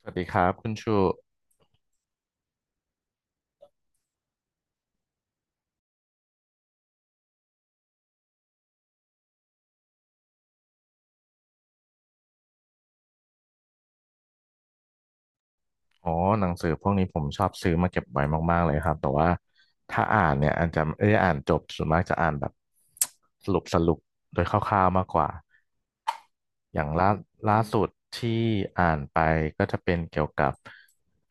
สวัสดีครับคุณชูอ๋อหนังสือพวกนี้ผมชอบซื้อมาเก็บไว้มากๆเลยครับแต่ว่าถ้าอ่านเนี่ยอาจจะไม่ได้อ่านจบส่วนมากจะอ่านแบบ สรุปสรุปโดยคร่าวๆมากกว่าอย่างล่าสุดที่อ่านไปก็จะเป็นเกี่ยวกับ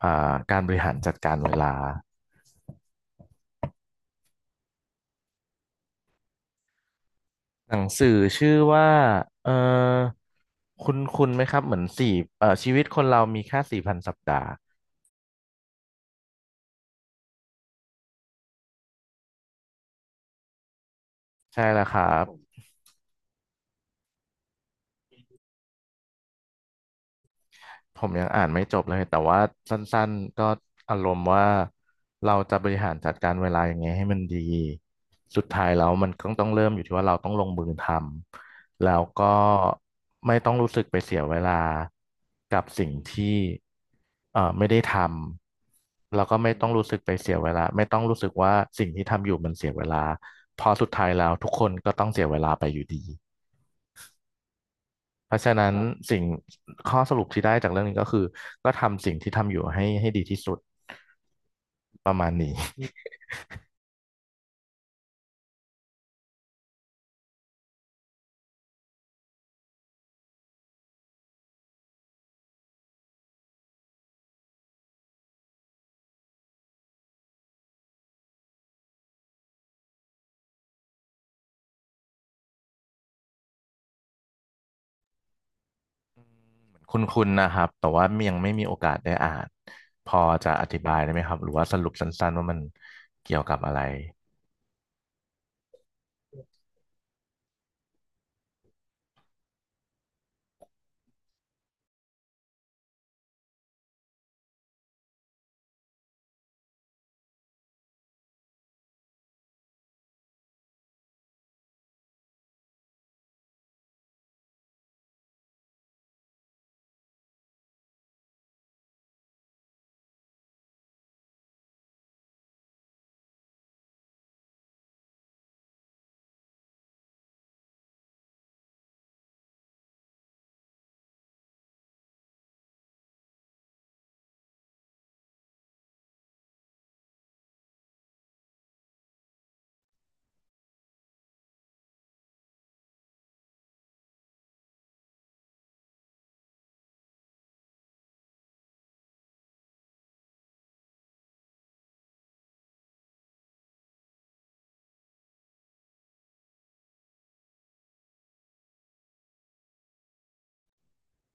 อ่าการบริหารจัดการเวลาหนังสือชื่อว่าเออคุณไหมครับเหมือนสี่เอ่อชีวิตคนเรามีแค่สี่พันสัปดาห์ใช่แล้วครับ ผมยังอ่านไม่จบเลยแต่ว่าสั้นๆก็อารมณ์ว่าเราจะบริหารจัดการเวลายังไงให้มันดีสุดท้ายแล้วมันก็ต้องเริ่มอยู่ที่ว่าเราต้องลงมือทำแล้วก็ไม่ต้องรู้สึกไปเสียเวลากับสิ่งที่ไม่ได้ทำแล้วก็ไม่ต้องรู้สึกไปเสียเวลาไม่ต้องรู้สึกว่าสิ่งที่ทำอยู่มันเสียเวลาเพอสุดท้ายแล้วทุกคนก็ต้องเสียเวลาไปอยู่ดี เพราะฉะนั้นสิ่งข้อสรุปที่ได้จากเรื่องนี้ก็คือก็ทำสิ่งที่ทำอยู่ให้ดีที่สุดประมาณนี้ คุณคุณนนะครับแต่ว่ายังไม่มีโอกาสได้อ่านพอจะอธิบายได้ไหมครับหรือว่าสรุปสั้นๆว่ามันเกี่ยวกับอะไร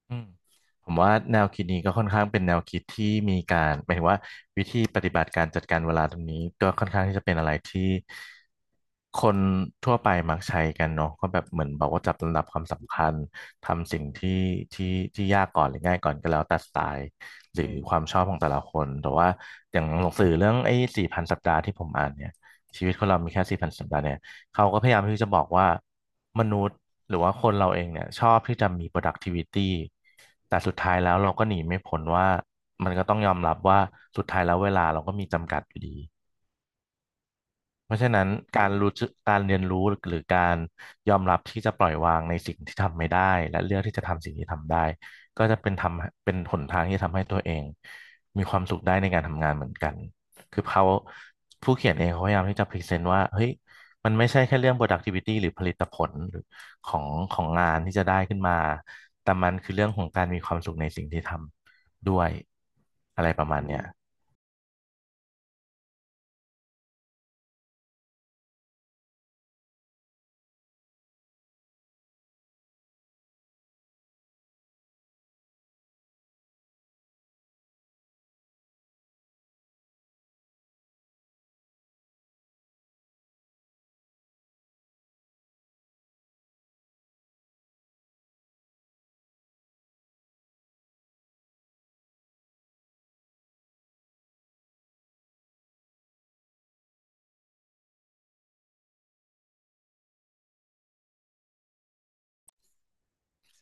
อืมผมว่าแนวคิดนี้ก็ค่อนข้างเป็นแนวคิดที่มีการหมายถึงว่าวิธีปฏิบัติการจัดการเวลาตรงนี้ก็ค่อนข้างที่จะเป็นอะไรที่คนทั่วไปมักใช้กันเนาะก็แบบเหมือนบอกว่าจัดลำดับความสำคัญทำสิ่งที่ที่ที่ยากก่อนหรือง่ายก่อนก็แล้วแต่สไตล์หรือความชอบของแต่ละคนแต่ว่าอย่างหนังสือเรื่องไอ้สี่พันสัปดาห์ที่ผมอ่านเนี่ยชีวิตคนเรามีแค่สี่พันสัปดาห์เนี่ย เขาก็พยายามที่จะบอกว่ามนุษย์หรือว่าคนเราเองเนี่ยชอบที่จะมี productivity แต่สุดท้ายแล้วเราก็หนีไม่พ้นว่ามันก็ต้องยอมรับว่าสุดท้ายแล้วเวลาเราก็มีจำกัดอยู่ดี เพราะฉะนั้นการรู้จึการเรียนรู้หรือการยอมรับที่จะปล่อยวางในสิ่งที่ทำไม่ได้และเลือกที่จะทำสิ่งที่ทำได้ก็จะเป็นทำเป็นหนทางที่จะทำให้ตัวเองมีความสุขได้ในการทำงานเหมือนกันคือเขาผู้เขียนเองเขาพยายามที่จะพรีเซนต์ว่าเฮ้ยมันไม่ใช่แค่เรื่อง productivity หรือผลิตผลหรือของของงานที่จะได้ขึ้นมาแต่มันคือเรื่องของการมีความสุขในสิ่งที่ทำด้วยอะไรประมาณเนี้ย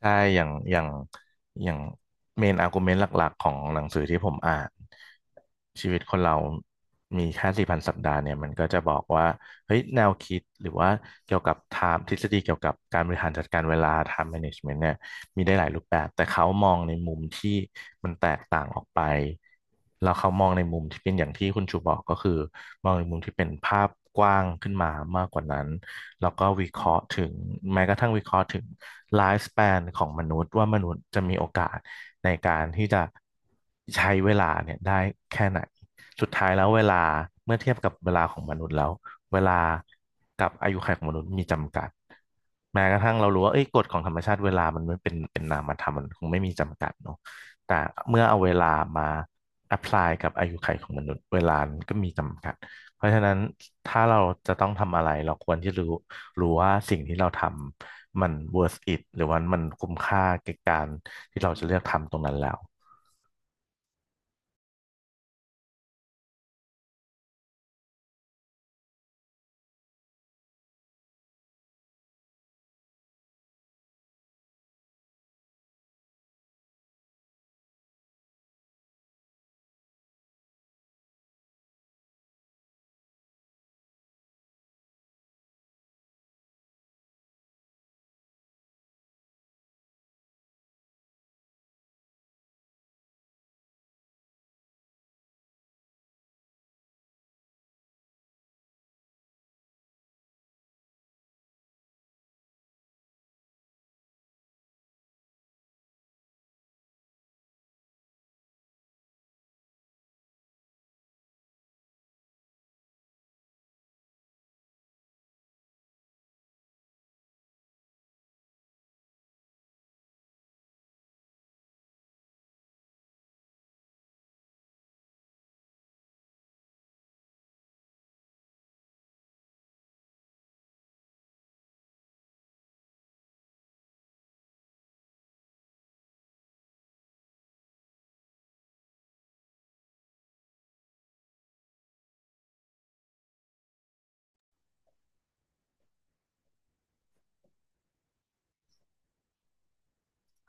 ใช่อย่างอย่างอย่างเมนอาร์กิวเมนต์หลัก ๆ ของหนังสือที่ผมอ่านชีวิตคนเรามีแค่4,000 สัปดาห์เนี่ย มันก็จะบอกว่าเฮ้ยแนวคิด หรือว่าเกี่ยวกับ time ทฤษฎีเกี่ยวกับการบริหารจัดการเวลา time management เนี่ย มีได้หลายรูปแบบ แต่เขามองในมุมที่มันแตกต่างออกไปแล้วเขามองในมุมที่เป็นอย่างที่คุณชูบอกก็คือมองในมุมที่เป็นภาพกว้างขึ้นมามากกว่านั้นแล้วก็วิเคราะห์ถึงแม้กระทั่งวิเคราะห์ถึงไลฟ์ส p ป n ของมนุษย์ว่ามนุษย์จะมีโอกาสในการที่จะใช้เวลาเนี่ยได้แค่ไหนสุดท้ายแล้วเวลาเมื่อเทียบกับเวลาของมนุษย์แล้ว เวลากับอายุขัยของมนุษย์มีจำกัดแม้กระทั่งเรารู้ว่าเอ้ยกฎของธรรมชาติเวลามันไม่เป็นนามธรรมมันคงไม่มีจำกัดเนาะแต่เมื่อเอาเวลามา apply กับอายุขัยของมนุษย์เวลามันก็มีจำกัดเพราะฉะนั้นถ้าเราจะต้องทำอะไรเราควรที่รู้ว่าสิ่งที่เราทำมัน worth it หรือว่ามันคุ้มค่าแก่การที่เราจะเลือกทำตรงนั้นแล้ว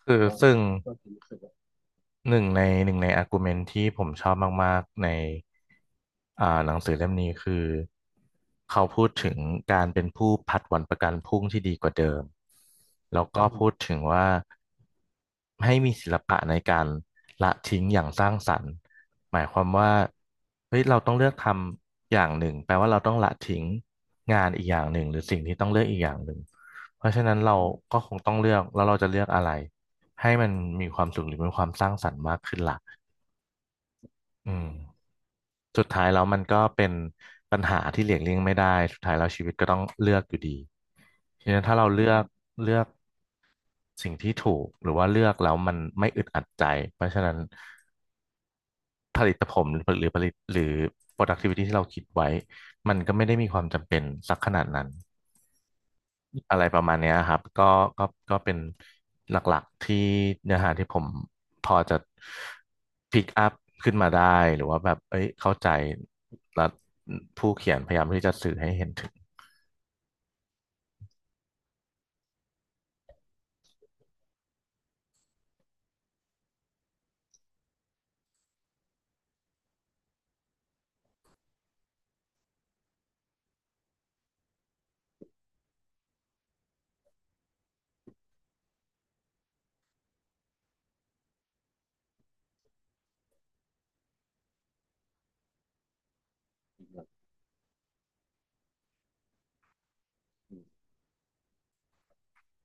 คือซึ่ง หนึ่งในอาร์กิวเมนต์ที่ผมชอบมากๆในหนังสือเล่มนี้คือเขาพูดถึงการเป็นผู้ผัดวันประกันพรุ่งที่ดีกว่าเดิมแล้วก็พูดถึงว่าให้มีศิลปะในการละทิ้งอย่างสร้างสรรค์หมายความว่าเฮ้ยเราต้องเลือกทำอย่างหนึ่งแปลว่าเราต้องละทิ้งงานอีกอย่างหนึ่งหรือสิ่งที่ต้องเลือกอีกอย่างหนึ่ง เพราะฉะนั้นเราก็คงต้องเลือกแล้วเราจะเลือกอะไรให้มันมีความสุขหรือมีความสร้างสรรค์มากขึ้นล่ะอืมสุดท้ายแล้วมันก็เป็นปัญหาที่หลีกเลี่ยงไม่ได้สุดท้ายแล้วชีวิตก็ต้องเลือกอยู่ดีทีนั้นถ้าเราเลือกสิ่งที่ถูกหรือว่าเลือกแล้วมันไม่อึดอัดใจเพราะฉะนั้นผลิตผลหรือผลิตหรือ productivity ที่เราคิดไว้มันก็ไม่ได้มีความจำเป็นสักขนาดนั้น อะไรประมาณเนี้ยครับก็ก็เป็นหลักๆที่เนื้อหาที่ผมพอจะพิกอัพขึ้นมาได้หรือว่าแบบเอ้ยเข้าใจแล้วผู้เขียนพยายามที่จะสื่อให้เห็นถึง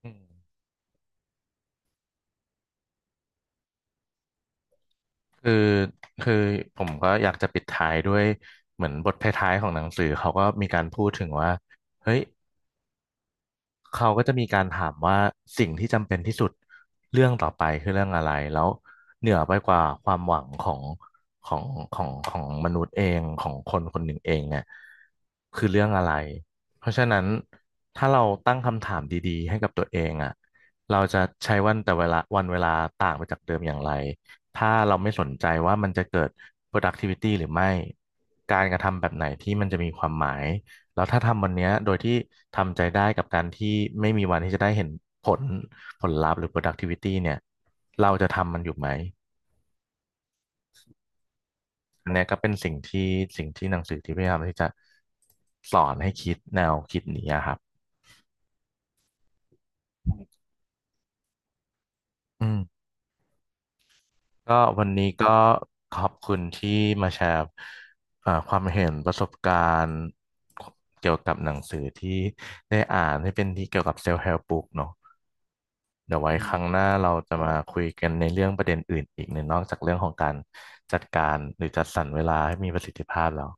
อืมคือคือผมก็อยากจะปิดท้ายด้วยเหมือนบทท้ายๆของหนังสือเขาก็มีการพูดถึงว่าเฮ้ย เขาก็จะมีการถามว่าสิ่งที่จำเป็นที่สุดเรื่องต่อไปคือเรื่องอะไรแล้วเหนือไปกว่าความหวังของของมนุษย์เองของคนคนหนึ่งเองเนี่ยคือเรื่องอะไรเพราะฉะนั้นถ้าเราตั้งคำถามดีๆให้กับตัวเองอ่ะเราจะใช้วันแต่เวลาวันเวลาต่างไปจากเดิมอย่างไรถ้าเราไม่สนใจว่ามันจะเกิด productivity หรือไม่การกระทำแบบไหนที่มันจะมีความหมาย แล้วถ้าทำวันเนี้ยโดยที่ทำใจได้กับการที่ไม่มีวันที่จะได้เห็นผลผลลัพธ์หรือ productivity เนี่ยเราจะทำมันอยู่ไหมอันเนี้ยก็เป็นสิ่งที่สิ่งที่หนังสือที่พยายามที่จะสอนให้คิดแนวคิดนี้อะครับอืมก็วันนี้ก็ขอบคุณที่มาแชร์ความเห็นประสบการณ์เกี่ยวกับหนังสือที่ได้อ่านที่เป็นที่เกี่ยวกับ self help book เนอะ เดี๋ยวไว้ครั้งหน้าเราจะมาคุยกันในเรื่องประเด็นอื่นอีกหน่นอกจากเรื่องของการจัดการหรือจัดสรรเวลาให้มีประสิทธิภาพแล้ว